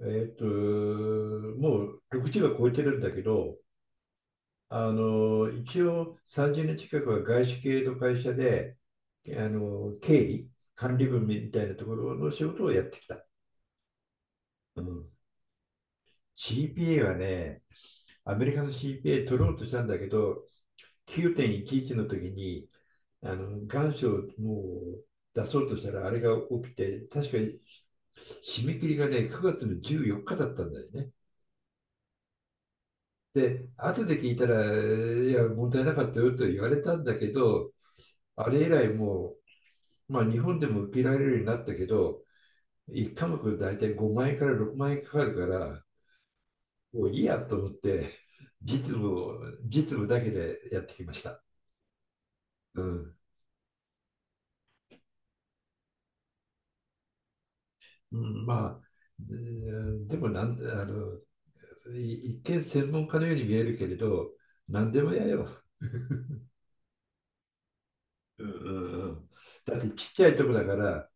えっと、もう6時は超えてるんだけど、一応30年近くは外資系の会社で、経理、管理部みたいなところの仕事をやってきた。うん、CPA はね、アメリカの CPA 取ろうとしたんだけど、9.11の時に、願書をもう出そうとしたら、あれが起きて、確かに締め切りがね、9月の14日だったんだよね。で、後で聞いたら、いや、問題なかったよと言われたんだけど、あれ以来まあ、日本でも受けられるようになったけど、1科目大体5万円から6万円かかるから、もういいやと思って、実務だけでやってきました。うん。うんまあ、うんでもなん、あの、一見専門家のように見えるけれど、何でもやよ。うんうんうん。だってちっちゃいとこだから、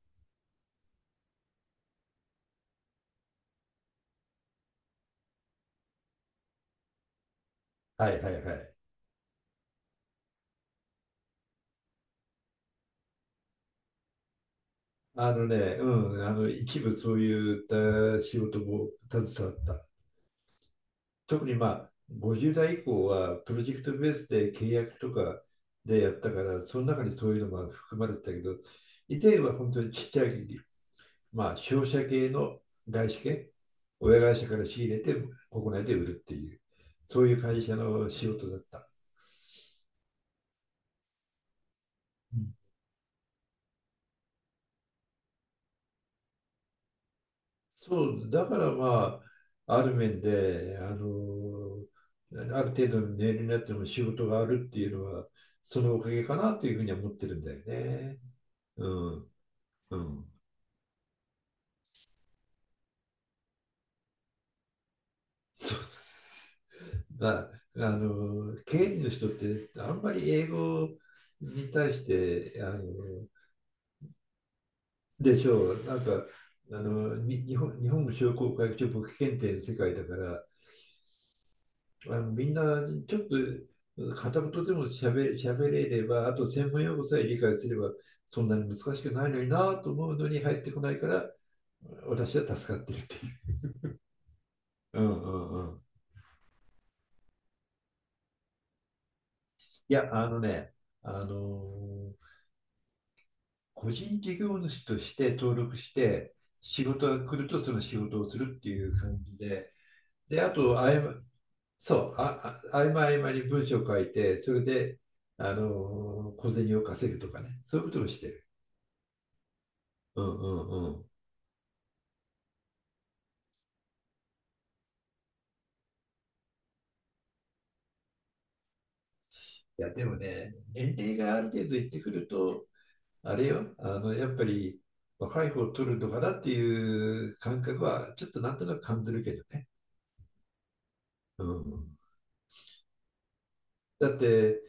はいはいはい。あのね、うん、あの一部そういうた仕事も携わった。特にまあ50代以降はプロジェクトベースで契約とかでやったから、その中にそういうのも含まれてたけど、以前は本当にちっちゃい、まあ、商社系の外資系、親会社から仕入れて国内で売るっていう、そういう会社の仕事だった。うん、そう、だからまあ、ある面で、ある程度の年齢になっても仕事があるっていうのは、そのおかげかなっていうふうには思ってるんだよね。うん、うん。そうです。まあ、経理の人って、あんまり英語に対して、でしょう、なんか、日本、日本商工会議所簿記検定の世界だから、あのみんなちょっと片言でもしゃべ、しゃべれれば、あと専門用語さえ理解すれば、そんなに難しくないのになと思うのに入ってこないから、私は助かってるっていう。うんうんうん。いや、あのね、あのー個人事業主として登録して、仕事が来るとその仕事をするっていう感じで、で、あと、あいま、そう、あ、あ合間合間に文章を書いて、それで、あの小銭を稼ぐとかね、そういうことをしてる。うんうんうん。いや、でもね、年齢がある程度いってくると、あれよ、あの、やっぱり若い方を取るのかなっていう感覚は、ちょっとなんとなく感じるけどね。うん。だって、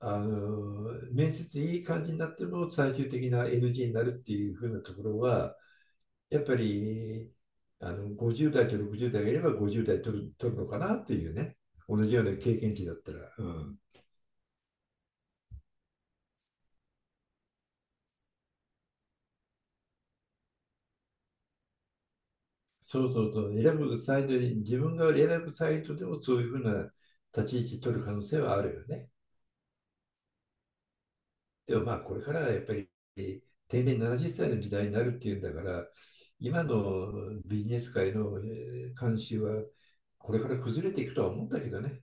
面接いい感じになっても最終的な NG になるっていう風なところは、やっぱり、50代と60代がいれば50代取る、取るのかなっていうね。同じような経験値だったら。うん、そうそうそう、選ぶサイトに、自分が選ぶサイトでもそういうふうな立ち位置取る可能性はあるよね。でもまあ、これからはやっぱり定年70歳の時代になるっていうんだから、今のビジネス界の慣習はこれから崩れていくとは思うんだけどね。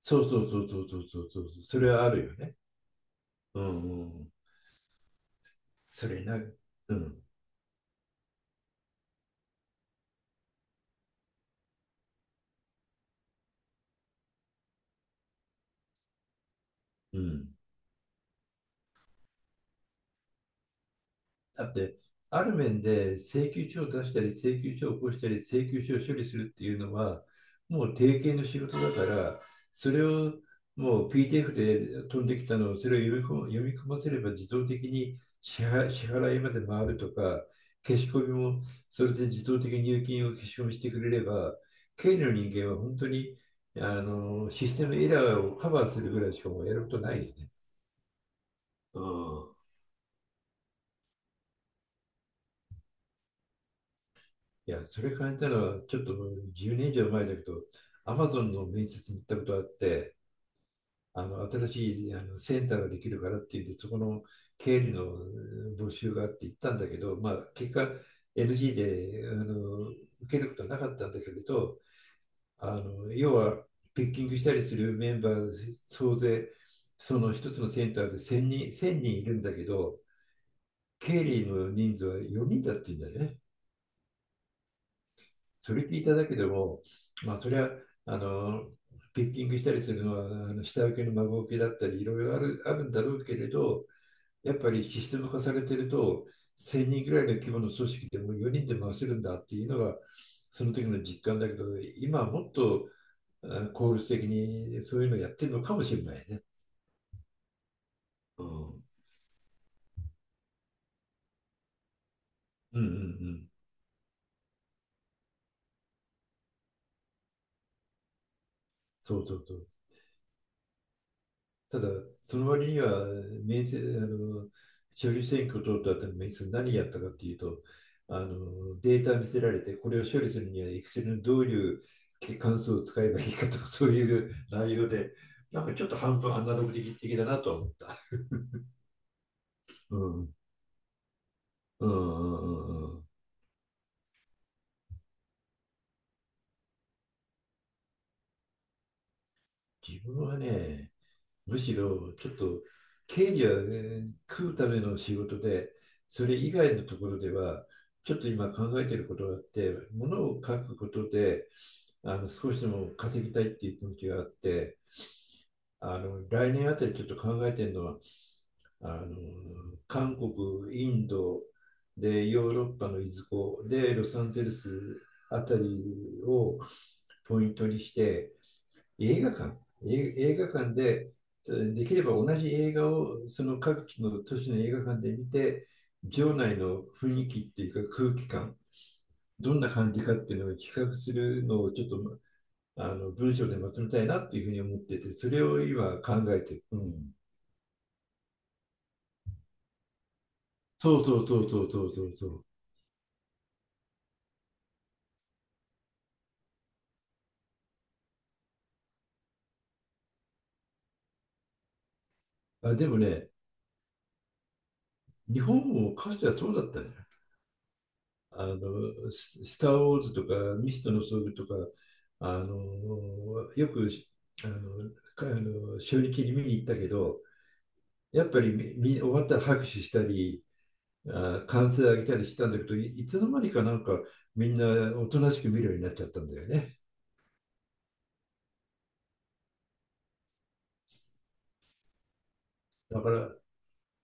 そうそうそうそうそうそうそう、それはあるよね。うんうん。それな、うんうん。だって、ある面で請求書を出したり、請求書を起こしたり、請求書を処理するっていうのは、もう定型の仕事だから、それをもう p t f で飛んできたのを、それを読み込ませれば自動的に支払いまで回るとか、消し込みもそれで自動的に入金を消し込みしてくれれば、経理の人間は本当にあのシステムエラーをカバーするぐらいしかもやることないよね。うん、いや、それ考えたのは、ちょっと10年以上前だけど、アマゾンの面接に行ったことあって、新しいあのセンターができるからって言って、そこの経理の募集があって行ったんだけど、まあ、結果 NG で受けることはなかったんだけれど、あの要はピッキングしたりするメンバー総勢、その一つのセンターで1000人、1000人いるんだけど、経理の人数は4人だって言うんだよね。それ聞いただけでも、まあ、それはあのピッキングしたりするのはあの下請けの孫請けだったりいろいろあるあるんだろうけれど、やっぱりシステム化されてると1000人ぐらいの規模の組織でも4人で回せるんだっていうのがその時の実感だけど、今はもっと効率的にそういうのやってるのかもしれないね。うんうんうんうん。そうそうそう。ただ、その割には、明治、あの、処理選挙を通った後に、何やったかっていうと、あの、データ見せられて、これを処理するには、Excel のどういう関数を使えばいいかとか、そういう内容で、なんかちょっと半分アナログ的だなと思った。うん。うんうんうんうん。自分はね、むしろちょっと経理は、ね、食うための仕事で、それ以外のところでは、ちょっと今考えていることがあって、ものを書くことで、あの少しでも稼ぎたいっていう気持ちがあって、あの来年あたりちょっと考えてるのは、あの韓国、インドで、ヨーロッパのいずこで、ロサンゼルスあたりをポイントにして、映画館、映画館で、できれば同じ映画をその各地の都市の映画館で見て、場内の雰囲気っていうか空気感、どんな感じかっていうのを比較するのをちょっとあの文章でまとめたいなっていうふうに思ってて、それを今考えてる。うん、そうそうそうそうそうそうそう。あ、でもね、日本もかつてはそうだったね。あの、スター・ウォーズとか、ミストの装具とか、あの、よく、あの、あの初日に見に行ったけど、やっぱりみ終わったら拍手したり、あ、歓声上げたりしたんだけど、いつの間にかなんかみんなおとなしく見るようになっちゃったんだよね。だから、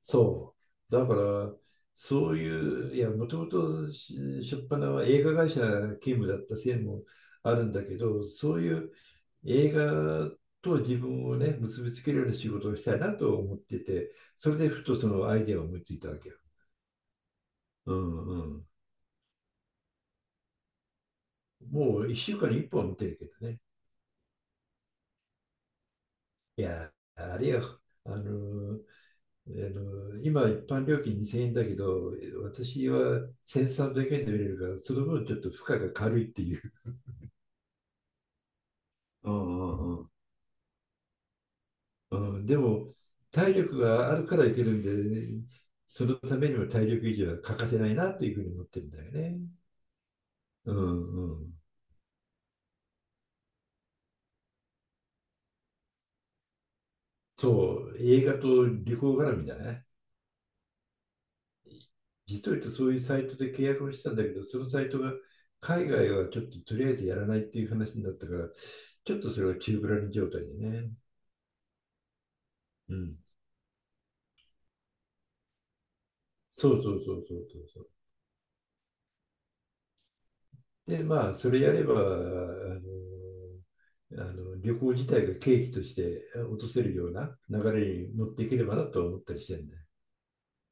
そう。だから、そういう、いや、もともと初っ端は映画会社勤務だったせいもあるんだけど、そういう映画と自分をね、結びつけるような仕事をしたいなと思ってて、それでふとそのアイデアを思いついたわけよ。うんうん。もう1週間に1本は見てるけどね。いや、あれや、あの、あの今、一般料金2000円だけど、私は1300円で見れるから、その分ちょっと負荷が軽いっていう。うんうんうんうん、でも、体力があるからいけるんで、ね、そのためにも体力維持は欠かせないなというふうに思ってるんだよね。うんうん。そう、映画と旅行絡みだね。実を言うとそういうサイトで契約をしたんだけど、そのサイトが海外はちょっととりあえずやらないっていう話になったから、ちょっとそれは宙ぶらりん状態でね。うん。そうそうそうそうそう、で、まあ、それやれば、の、あの、旅行自体が経費として落とせるような流れに乗っていければなと思ったりしてるんで。